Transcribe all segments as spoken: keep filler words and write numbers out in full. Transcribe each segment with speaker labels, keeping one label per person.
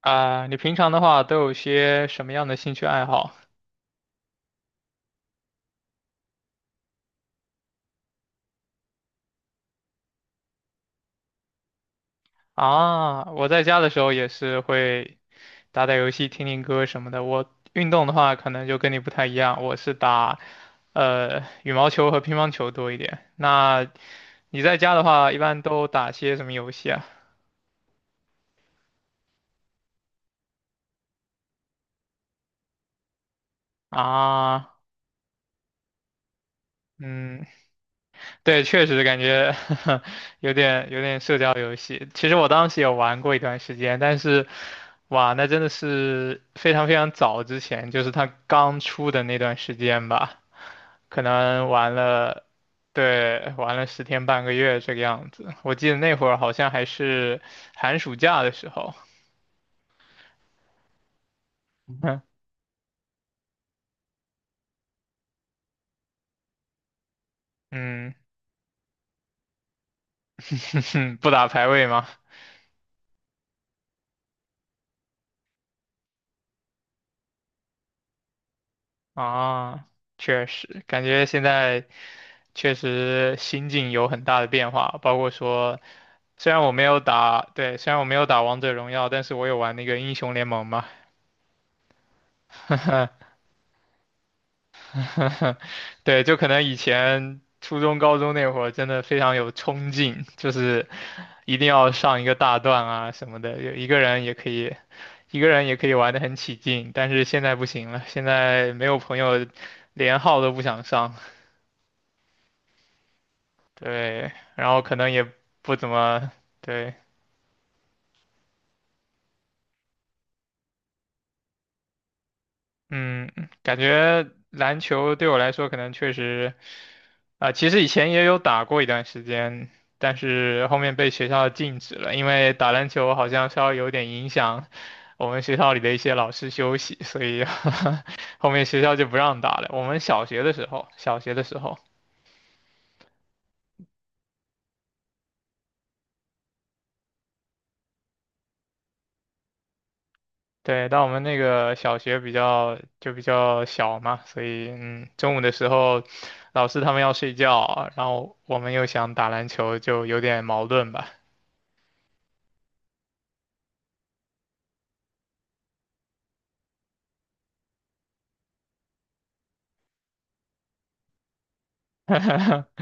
Speaker 1: 啊，你平常的话都有些什么样的兴趣爱好啊？我在家的时候也是会打打游戏、听听歌什么的。我运动的话，可能就跟你不太一样，我是打呃羽毛球和乒乓球多一点。那你在家的话，一般都打些什么游戏啊？啊，嗯。对，确实感觉 有点有点社交游戏。其实我当时也玩过一段时间，但是，哇，那真的是非常非常早之前，就是它刚出的那段时间吧，可能玩了，对，玩了十天半个月这个样子。我记得那会儿好像还是寒暑假的时候，嗯，不打排位吗？啊，确实，感觉现在确实心境有很大的变化，包括说。虽然我没有打，对，虽然我没有打王者荣耀，但是我有玩那个英雄联盟嘛，对，就可能以前初中、高中那会儿真的非常有冲劲，就是一定要上一个大段啊什么的，有一个人也可以，一个人也可以玩得很起劲，但是现在不行了，现在没有朋友，连号都不想上，对，然后可能也不怎么，对，嗯，感觉篮球对我来说可能确实。啊、其实以前也有打过一段时间，但是后面被学校禁止了，因为打篮球好像稍微有点影响我们学校里的一些老师休息，所以 后面学校就不让打了。我们小学的时候，小学的时候，对，但我们那个小学比较就比较小嘛，所以嗯，中午的时候老师他们要睡觉，然后我们又想打篮球，就有点矛盾吧。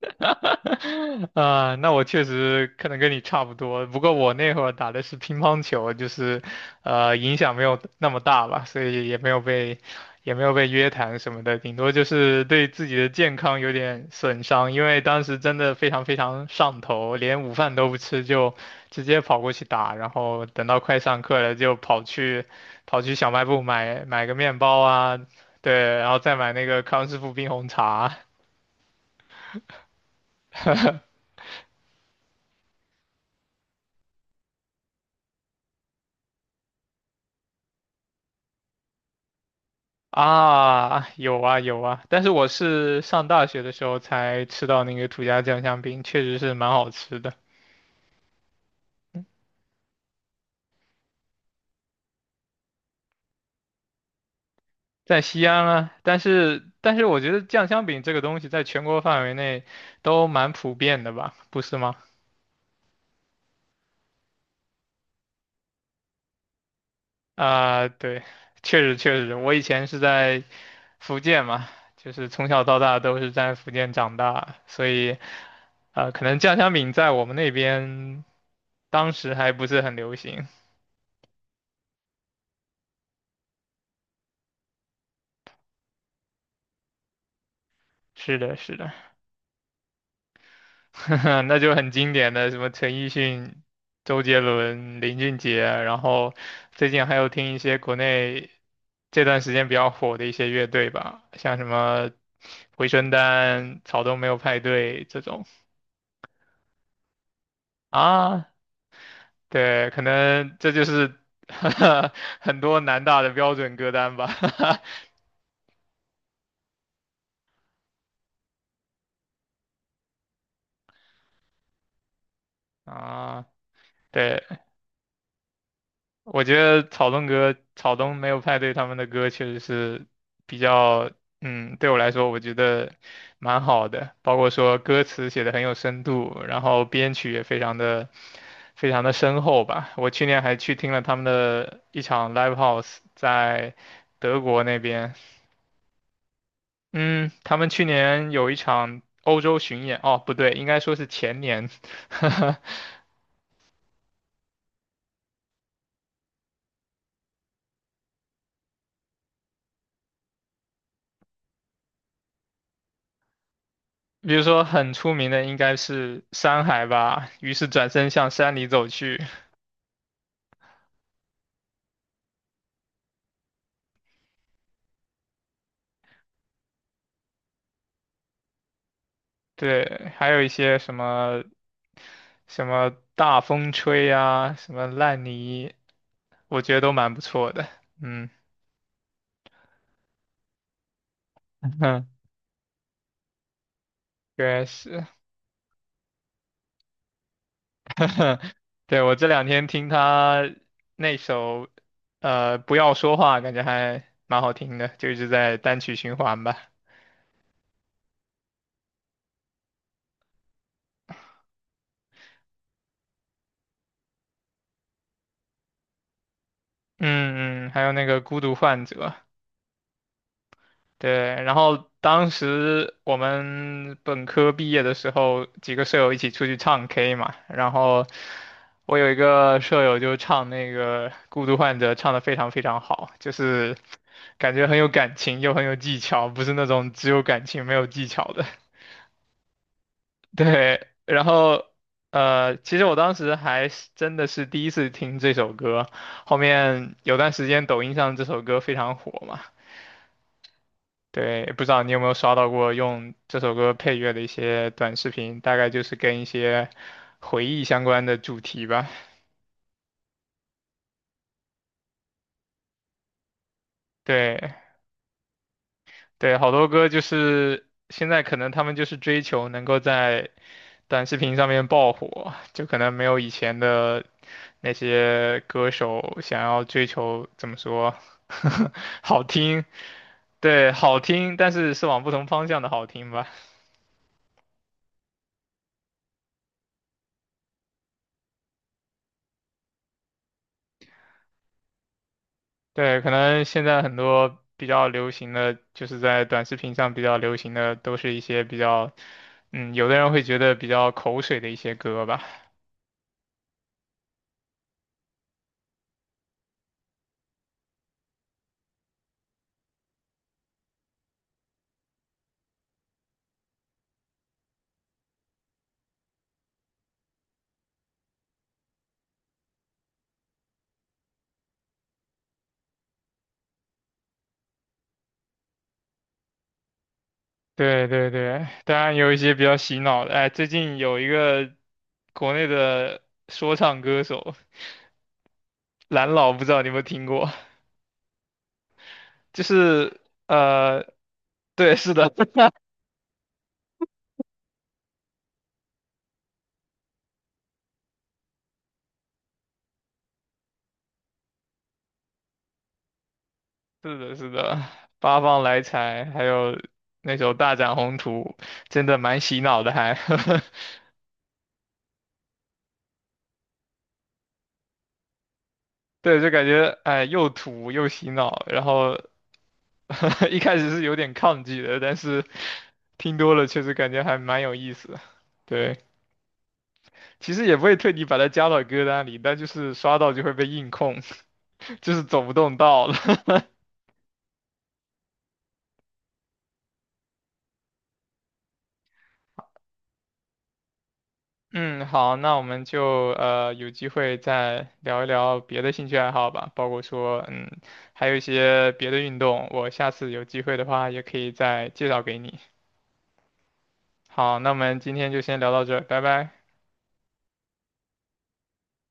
Speaker 1: 啊，那我确实可能跟你差不多，不过我那会儿打的是乒乓球，就是，呃，影响没有那么大吧，所以也没有被，也没有被约谈什么的，顶多就是对自己的健康有点损伤，因为当时真的非常非常上头，连午饭都不吃就直接跑过去打，然后等到快上课了就跑去，跑去小卖部买买个面包啊，对，然后再买那个康师傅冰红茶。啊，有啊有啊，但是我是上大学的时候才吃到那个土家酱香饼，确实是蛮好吃的，在西安啊。但是但是我觉得酱香饼这个东西在全国范围内都蛮普遍的吧，不是吗？啊，对，确实确实，我以前是在福建嘛，就是从小到大都是在福建长大，所以呃，可能酱香饼在我们那边当时还不是很流行。是的，是的。那就很经典的什么陈奕迅、周杰伦、林俊杰啊，然后最近还有听一些国内这段时间比较火的一些乐队吧，像什么回春丹、草东没有派对这种啊，对，可能这就是 很多南大的标准歌单吧，啊，对，我觉得草东哥、草东没有派对他们的歌确实是比较，嗯，对我来说我觉得蛮好的，包括说歌词写的很有深度，然后编曲也非常的非常的深厚吧。我去年还去听了他们的一场 live house，在德国那边，嗯，他们去年有一场欧洲巡演，哦，不对，应该说是前年，哈哈。比如说很出名的应该是山海吧，于是转身向山里走去。对，还有一些什么什么大风吹啊，什么烂泥，我觉得都蛮不错的。嗯，哼，对是，对我这两天听他那首呃不要说话，感觉还蛮好听的，就一直在单曲循环吧。嗯嗯，还有那个孤独患者。对，然后当时我们本科毕业的时候，几个舍友一起出去唱 K 嘛，然后我有一个舍友就唱那个《孤独患者》，唱得非常非常好，就是感觉很有感情又很有技巧，不是那种只有感情没有技巧的。对，然后呃，其实我当时还是真的是第一次听这首歌，后面有段时间抖音上这首歌非常火嘛。对，不知道你有没有刷到过用这首歌配乐的一些短视频，大概就是跟一些回忆相关的主题吧。对对，好多歌就是现在可能他们就是追求能够在短视频上面爆火，就可能没有以前的那些歌手想要追求怎么说，好听，对，好听，但是是往不同方向的好听吧。对，可能现在很多比较流行的，就是在短视频上比较流行的，都是一些比较，嗯，有的人会觉得比较口水的一些歌吧。对对对，当然有一些比较洗脑的。哎，最近有一个国内的说唱歌手蓝老，不知道你有没有听过？就是呃，对，是的，是的，是的，八方来财，还有那首《大展宏图》，真的蛮洗脑的还，对，就感觉哎又土又洗脑，然后 一开始是有点抗拒的，但是听多了确实感觉还蛮有意思的。对，其实也不会特地把它加到歌单里，但就是刷到就会被硬控，就是走不动道了。嗯，好，那我们就呃有机会再聊一聊别的兴趣爱好吧，包括说嗯还有一些别的运动，我下次有机会的话也可以再介绍给你。好，那我们今天就先聊到这儿，拜拜。